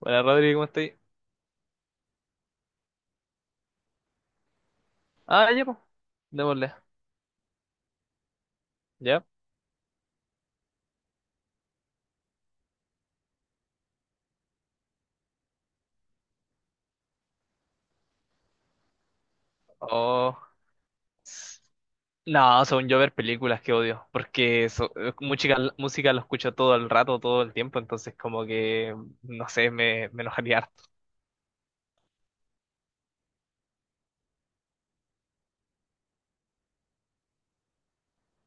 Hola Rodri, ¿cómo estáis? Ah, ya, pues. Démosle. Ya. Oh. No, según yo ver películas que odio, porque música lo escucho todo el rato, todo el tiempo, entonces como que, no sé, me enojaría harto.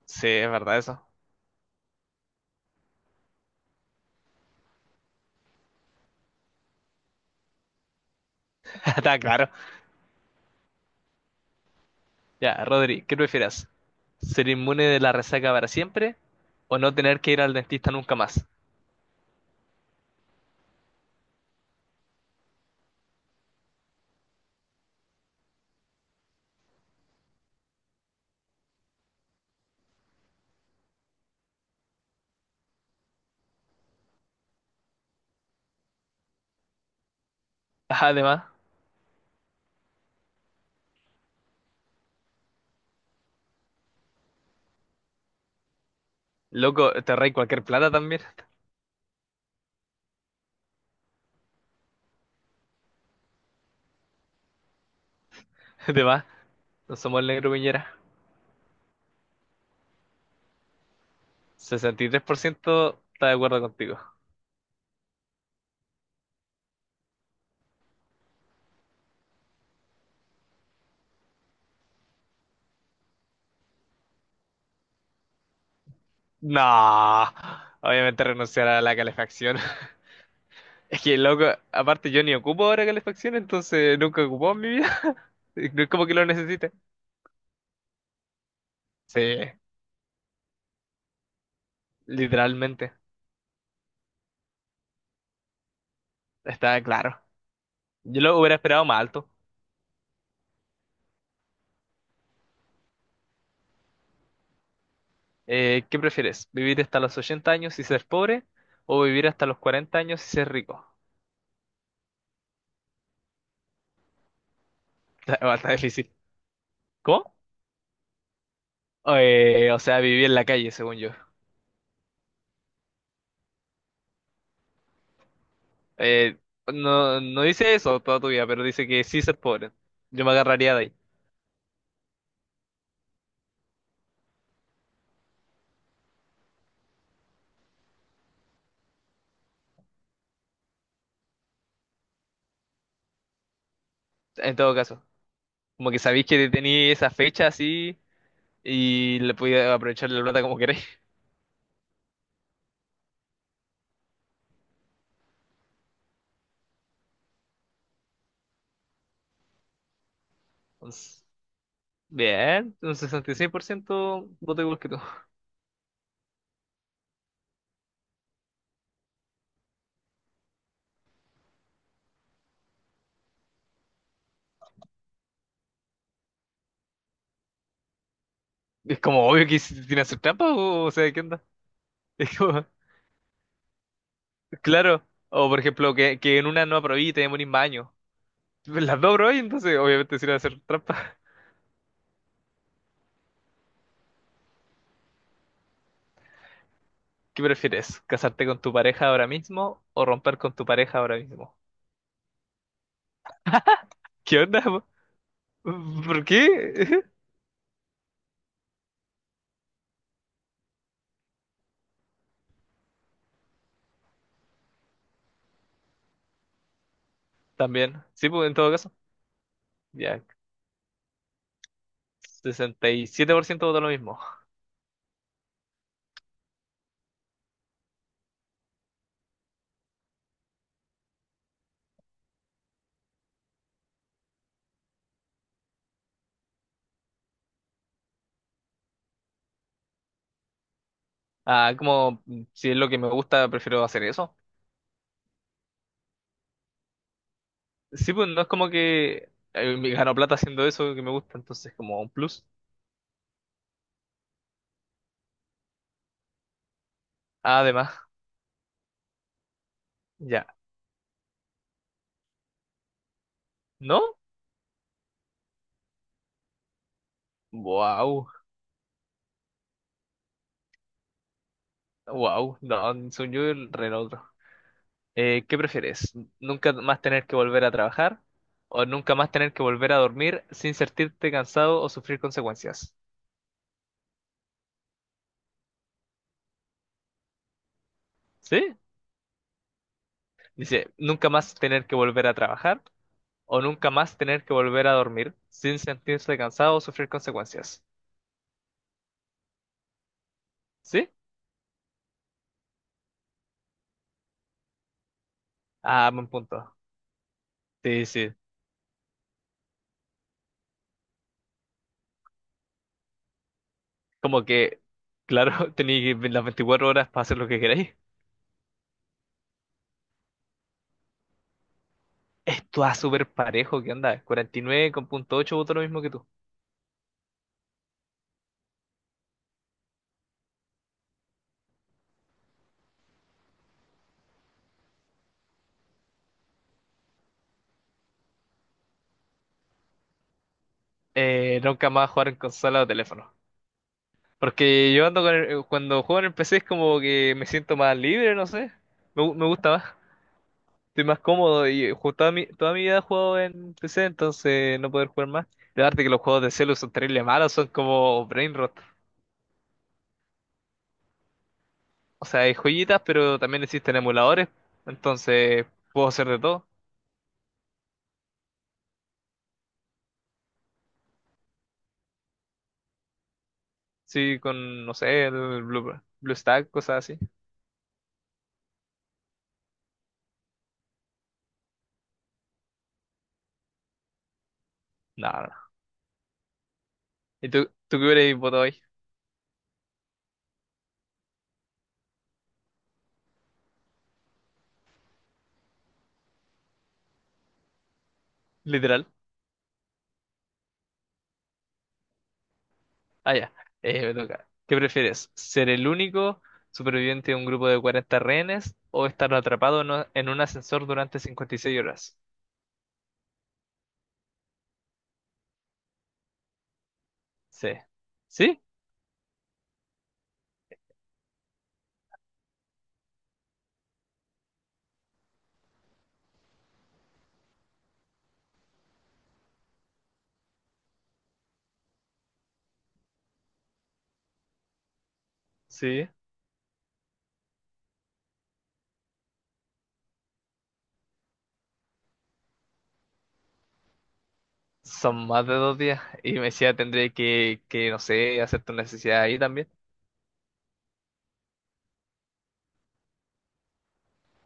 Sí, es verdad eso. Está claro. Ya, Rodri, ¿qué prefieras? ¿Ser inmune de la resaca para siempre o no tener que ir al dentista nunca más? Además, loco, te reí cualquier plata también. Además, no somos el negro Piñera. 63% está de acuerdo contigo. No, obviamente renunciar a la calefacción. Es que, loco, aparte yo ni ocupo ahora calefacción, entonces nunca ocupó en mi vida. No es como que lo necesite. Sí, literalmente, está claro. Yo lo hubiera esperado más alto. ¿Qué prefieres? ¿Vivir hasta los 80 años y ser pobre? ¿O vivir hasta los 40 años y ser rico? Está, está difícil. ¿Cómo? O sea, vivir en la calle, según yo. Eh, no, no dice eso toda tu vida, pero dice que sí ser pobre. Yo me agarraría de ahí, en todo caso. Como que sabéis que tenéis esa fecha así y le podéis aprovechar la plata como queréis. Entonces, bien, un 66% voto igual que tú. Es como obvio que tiene que hacer trampa o sea, ¿qué onda? Es como, claro. O por ejemplo, que en una no aprobé y te demorís más años. Pues las dos aprobé, entonces obviamente sirve hacer trampa. ¿Qué prefieres? ¿Casarte con tu pareja ahora mismo o romper con tu pareja ahora mismo? ¿Qué onda? ¿Por qué? También. Sí, pues en todo caso. Ya, 67% votó lo mismo. Ah, como mm, si es lo que me gusta, prefiero hacer eso. Sí, pues no es como que me gano plata haciendo eso que me gusta, entonces como un plus. Además, ya. ¿No? Wow. Wow. No, soy yo el re otro. ¿Qué prefieres? ¿Nunca más tener que volver a trabajar? ¿O nunca más tener que volver a dormir sin sentirte cansado o sufrir consecuencias? ¿Sí? Dice, nunca más tener que volver a trabajar o nunca más tener que volver a dormir sin sentirse cansado o sufrir consecuencias. ¿Sí? Ah, buen punto. Sí, sí. Como que, claro, tenéis las 24 horas para hacer lo que queráis. Esto es súper parejo, ¿qué onda? 49,8 voto lo mismo que tú. Nunca más jugar en consola o teléfono. Porque yo ando con cuando juego en el PC es como que me siento más libre, no sé. Me gusta más. Estoy más cómodo y toda mi vida he jugado en PC, entonces no poder jugar más. La verdad que los juegos de celu son terrible malos, son como brain rot. O sea, hay joyitas, pero también existen emuladores, entonces puedo hacer de todo. Sí, con, no sé, el Blue, BlueStack, cosas así. No, no, no. ¿Y tú qué hubieras votado hoy? Literal. Ah, ya. Me toca. ¿Qué prefieres? ¿Ser el único superviviente de un grupo de 40 rehenes o estar atrapado en un ascensor durante 56 horas? Sí. ¿Sí? Sí, son más de dos días. Y me decía, tendré que, no sé, hacer tu necesidad ahí también.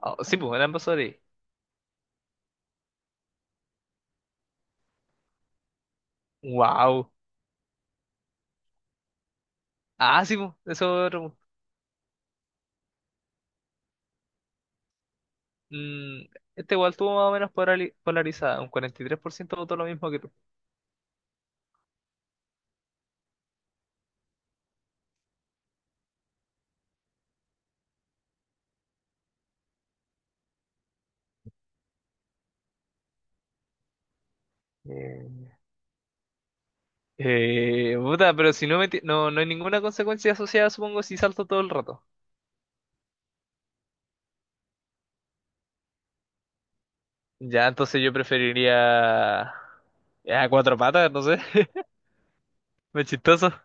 Ah, sí, pues, eran ambos horas. Wow. Ah, sí, pues, eso otro, pues. Mm, este igual tuvo más o menos polarizada. Un 43% votó lo mismo que tú. Mm. Puta, pero si no, no, no hay ninguna consecuencia asociada, supongo, si salto todo el rato. Ya, entonces yo preferiría a cuatro patas, no sé. Me chistoso.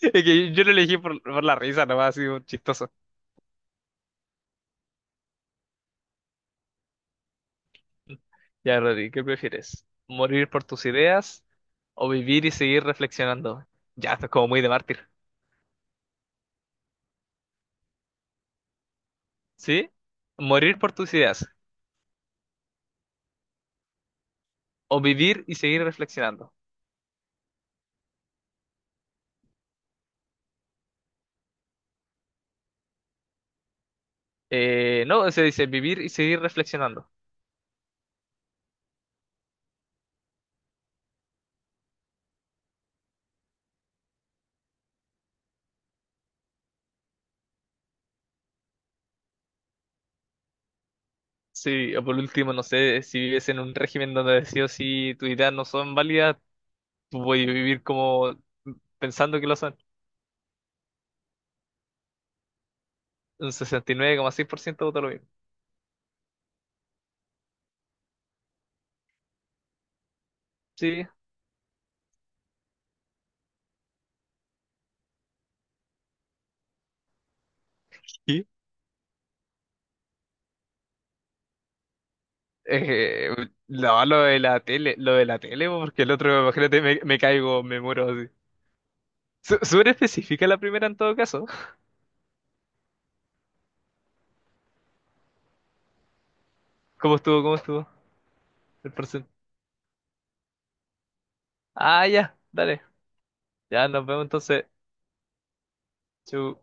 Es que yo lo elegí por la risa, nomás, así, un chistoso. Ya, Rodri, ¿qué prefieres? ¿Morir por tus ideas o vivir y seguir reflexionando? Ya, esto es como muy de mártir. ¿Sí? ¿Morir por tus ideas o vivir y seguir reflexionando? No, se dice vivir y seguir reflexionando. Sí, o por último, no sé, si vives en un régimen donde sí o sí tus ideas no son válidas, tú puedes vivir como pensando que lo son. Un 69,6% vota lo mismo. Sí. Eh, no, lo de la tele, lo de la tele, porque el otro, imagínate, me caigo, me muero así. Súper específica la primera en todo caso. ¿Cómo estuvo? ¿Cómo estuvo? El porcentaje. Ah, ya, dale. Ya nos vemos entonces. Chau.